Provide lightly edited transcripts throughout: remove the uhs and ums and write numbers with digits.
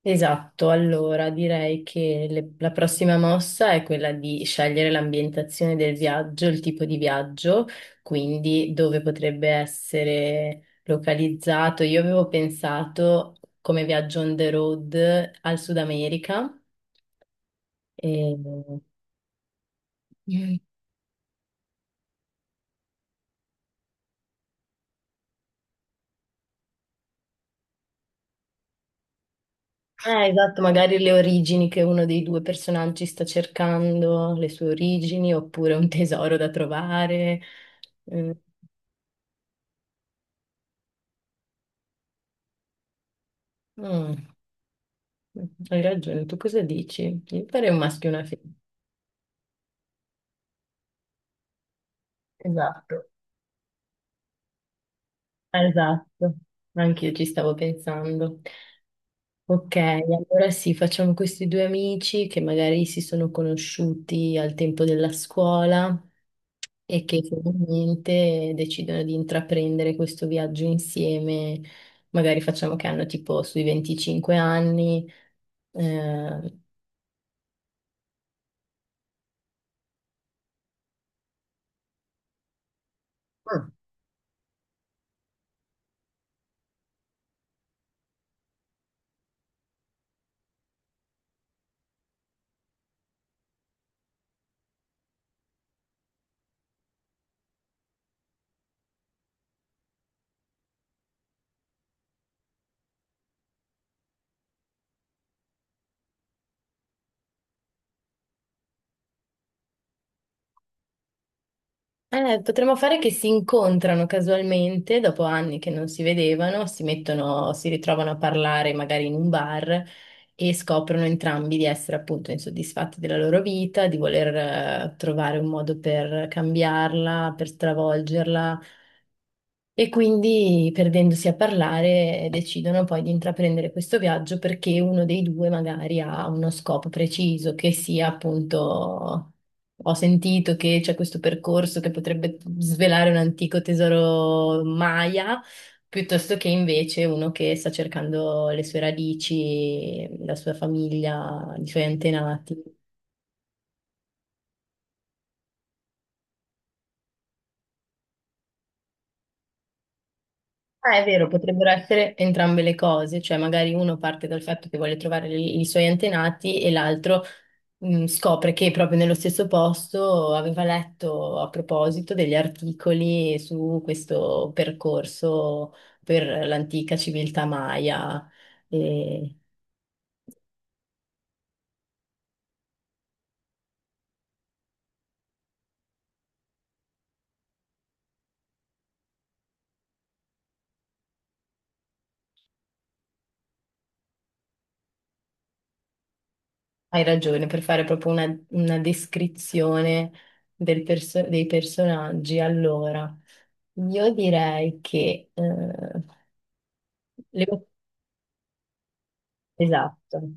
Esatto, allora direi che la prossima mossa è quella di scegliere l'ambientazione del viaggio, il tipo di viaggio, quindi dove potrebbe essere localizzato. Io avevo pensato come viaggio on the road al Sud America. E... Mm. Esatto, magari le origini che uno dei due personaggi sta cercando, le sue origini, oppure un tesoro da trovare. Mm. Mm. Hai ragione, tu cosa dici? Io farei un maschio e una femmina. Esatto. Esatto, anche io ci stavo pensando. Ok, allora sì, facciamo questi due amici che magari si sono conosciuti al tempo della scuola e che finalmente decidono di intraprendere questo viaggio insieme. Magari facciamo che hanno tipo sui 25 anni, eh, Mm. Potremmo fare che si incontrano casualmente dopo anni che non si vedevano, si mettono, si ritrovano a parlare magari in un bar e scoprono entrambi di essere appunto insoddisfatti della loro vita, di voler trovare un modo per cambiarla, per stravolgerla e quindi, perdendosi a parlare, decidono poi di intraprendere questo viaggio perché uno dei due magari ha uno scopo preciso, che sia appunto, ho sentito che c'è questo percorso che potrebbe svelare un antico tesoro Maya, piuttosto che invece uno che sta cercando le sue radici, la sua famiglia, i suoi antenati. Ah, è vero, potrebbero essere entrambe le cose, cioè magari uno parte dal fatto che vuole trovare i suoi antenati e l'altro scopre che proprio nello stesso posto aveva letto a proposito degli articoli su questo percorso per l'antica civiltà Maya. E hai ragione, per fare proprio una descrizione dei personaggi. Allora, io direi che le Esatto.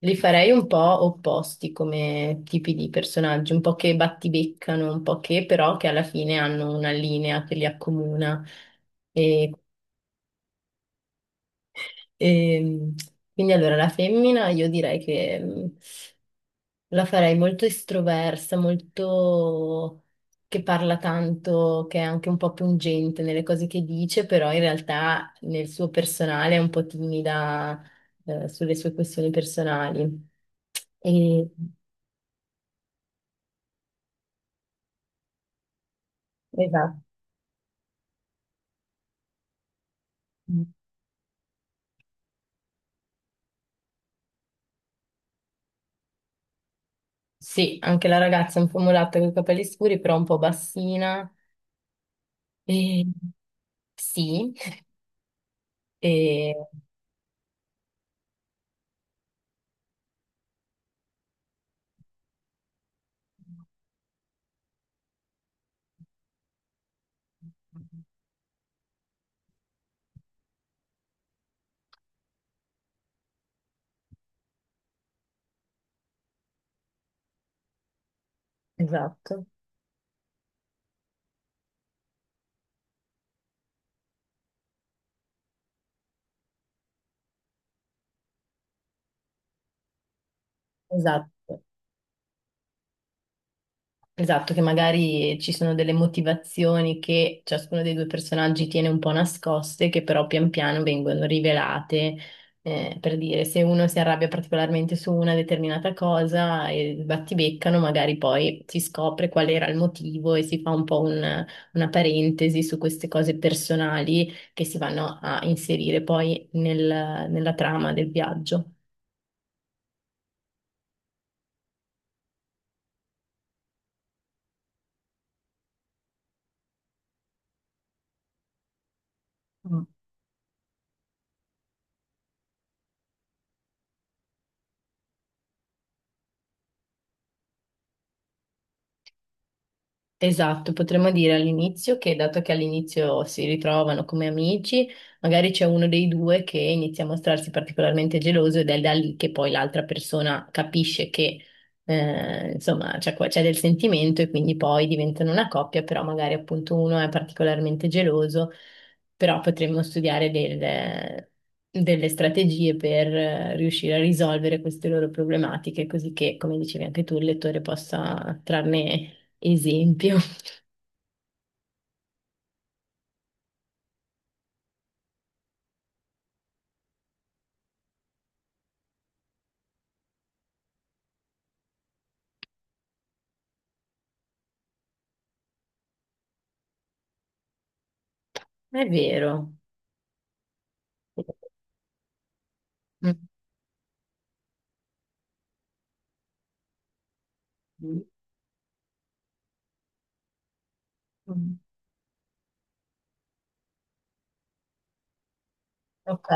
Li farei un po' opposti come tipi di personaggi, un po' che battibeccano, un po' che però che alla fine hanno una linea che li accomuna. E, ehm, quindi allora la femmina io direi che la farei molto estroversa, molto che parla tanto, che è anche un po' pungente nelle cose che dice, però in realtà nel suo personale è un po' timida, sulle sue questioni personali. E... Esatto. Sì, anche la ragazza è un po' mulatta con i capelli scuri, però un po' bassina. E... Sì, e... esatto, esatto. Esatto, che magari ci sono delle motivazioni che ciascuno dei due personaggi tiene un po' nascoste, che però pian piano vengono rivelate, per dire se uno si arrabbia particolarmente su una determinata cosa e battibeccano, magari poi si scopre qual era il motivo e si fa un po' una parentesi su queste cose personali che si vanno a inserire poi nella trama del viaggio. Esatto, potremmo dire all'inizio che dato che all'inizio si ritrovano come amici, magari c'è uno dei due che inizia a mostrarsi particolarmente geloso ed è da lì che poi l'altra persona capisce che insomma c'è del sentimento e quindi poi diventano una coppia, però magari appunto uno è particolarmente geloso, però potremmo studiare delle strategie per riuscire a risolvere queste loro problematiche, così che, come dicevi anche tu, il lettore possa trarne esempio. È vero. Mm. Mm. Ok.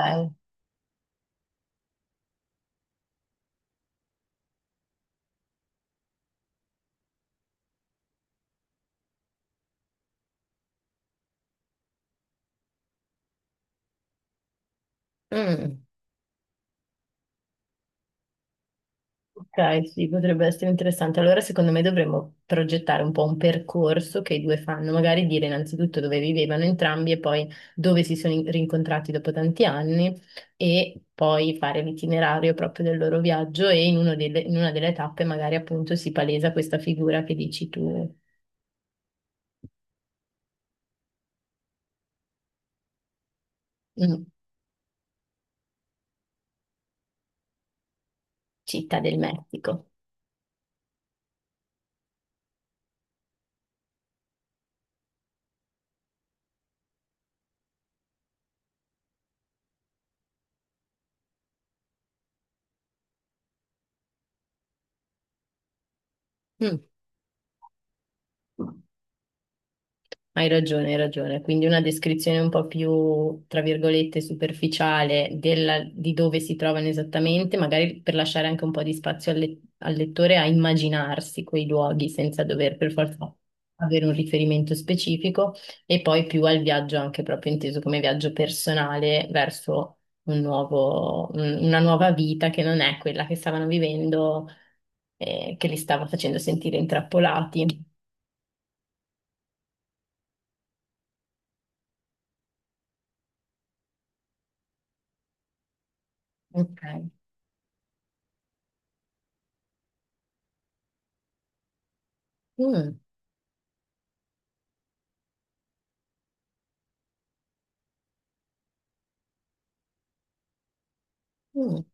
Mm. Ok, sì, potrebbe essere interessante. Allora, secondo me dovremmo progettare un po' un percorso che i due fanno, magari dire innanzitutto dove vivevano entrambi e poi dove si sono rincontrati dopo tanti anni e poi fare l'itinerario proprio del loro viaggio e in una delle tappe magari appunto si palesa questa figura che dici tu, mm, città del Messico. Mm. Hai ragione, hai ragione. Quindi una descrizione un po' più, tra virgolette, superficiale di dove si trovano esattamente, magari per lasciare anche un po' di spazio al lettore a immaginarsi quei luoghi senza dover per forza avere un riferimento specifico, e poi più al viaggio, anche proprio inteso come viaggio personale verso una nuova vita che non è quella che stavano vivendo, che li stava facendo sentire intrappolati. Ok. Mm, mm.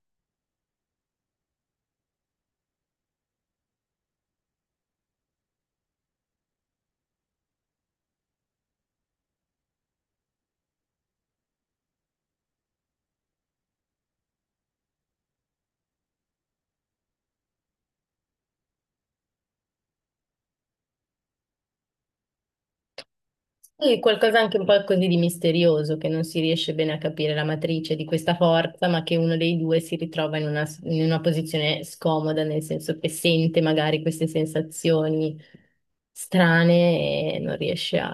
Sì, qualcosa anche un po' così di misterioso, che non si riesce bene a capire la matrice di questa forza, ma che uno dei due si ritrova in una posizione scomoda, nel senso che sente magari queste sensazioni strane e non riesce a.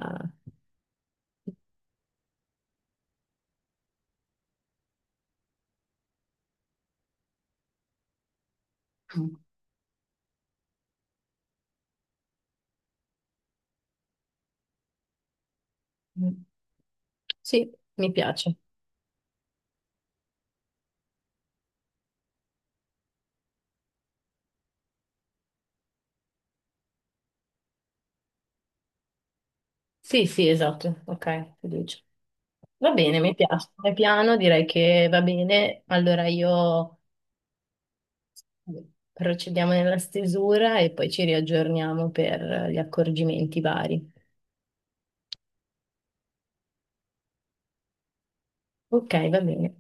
Mm. Sì, mi piace. Sì, sì, esatto. Ok, fiducia. Va bene, mi piace. È piano, direi che va bene. Allora io Procediamo nella stesura e poi ci riaggiorniamo per gli accorgimenti vari. Ok, va bene.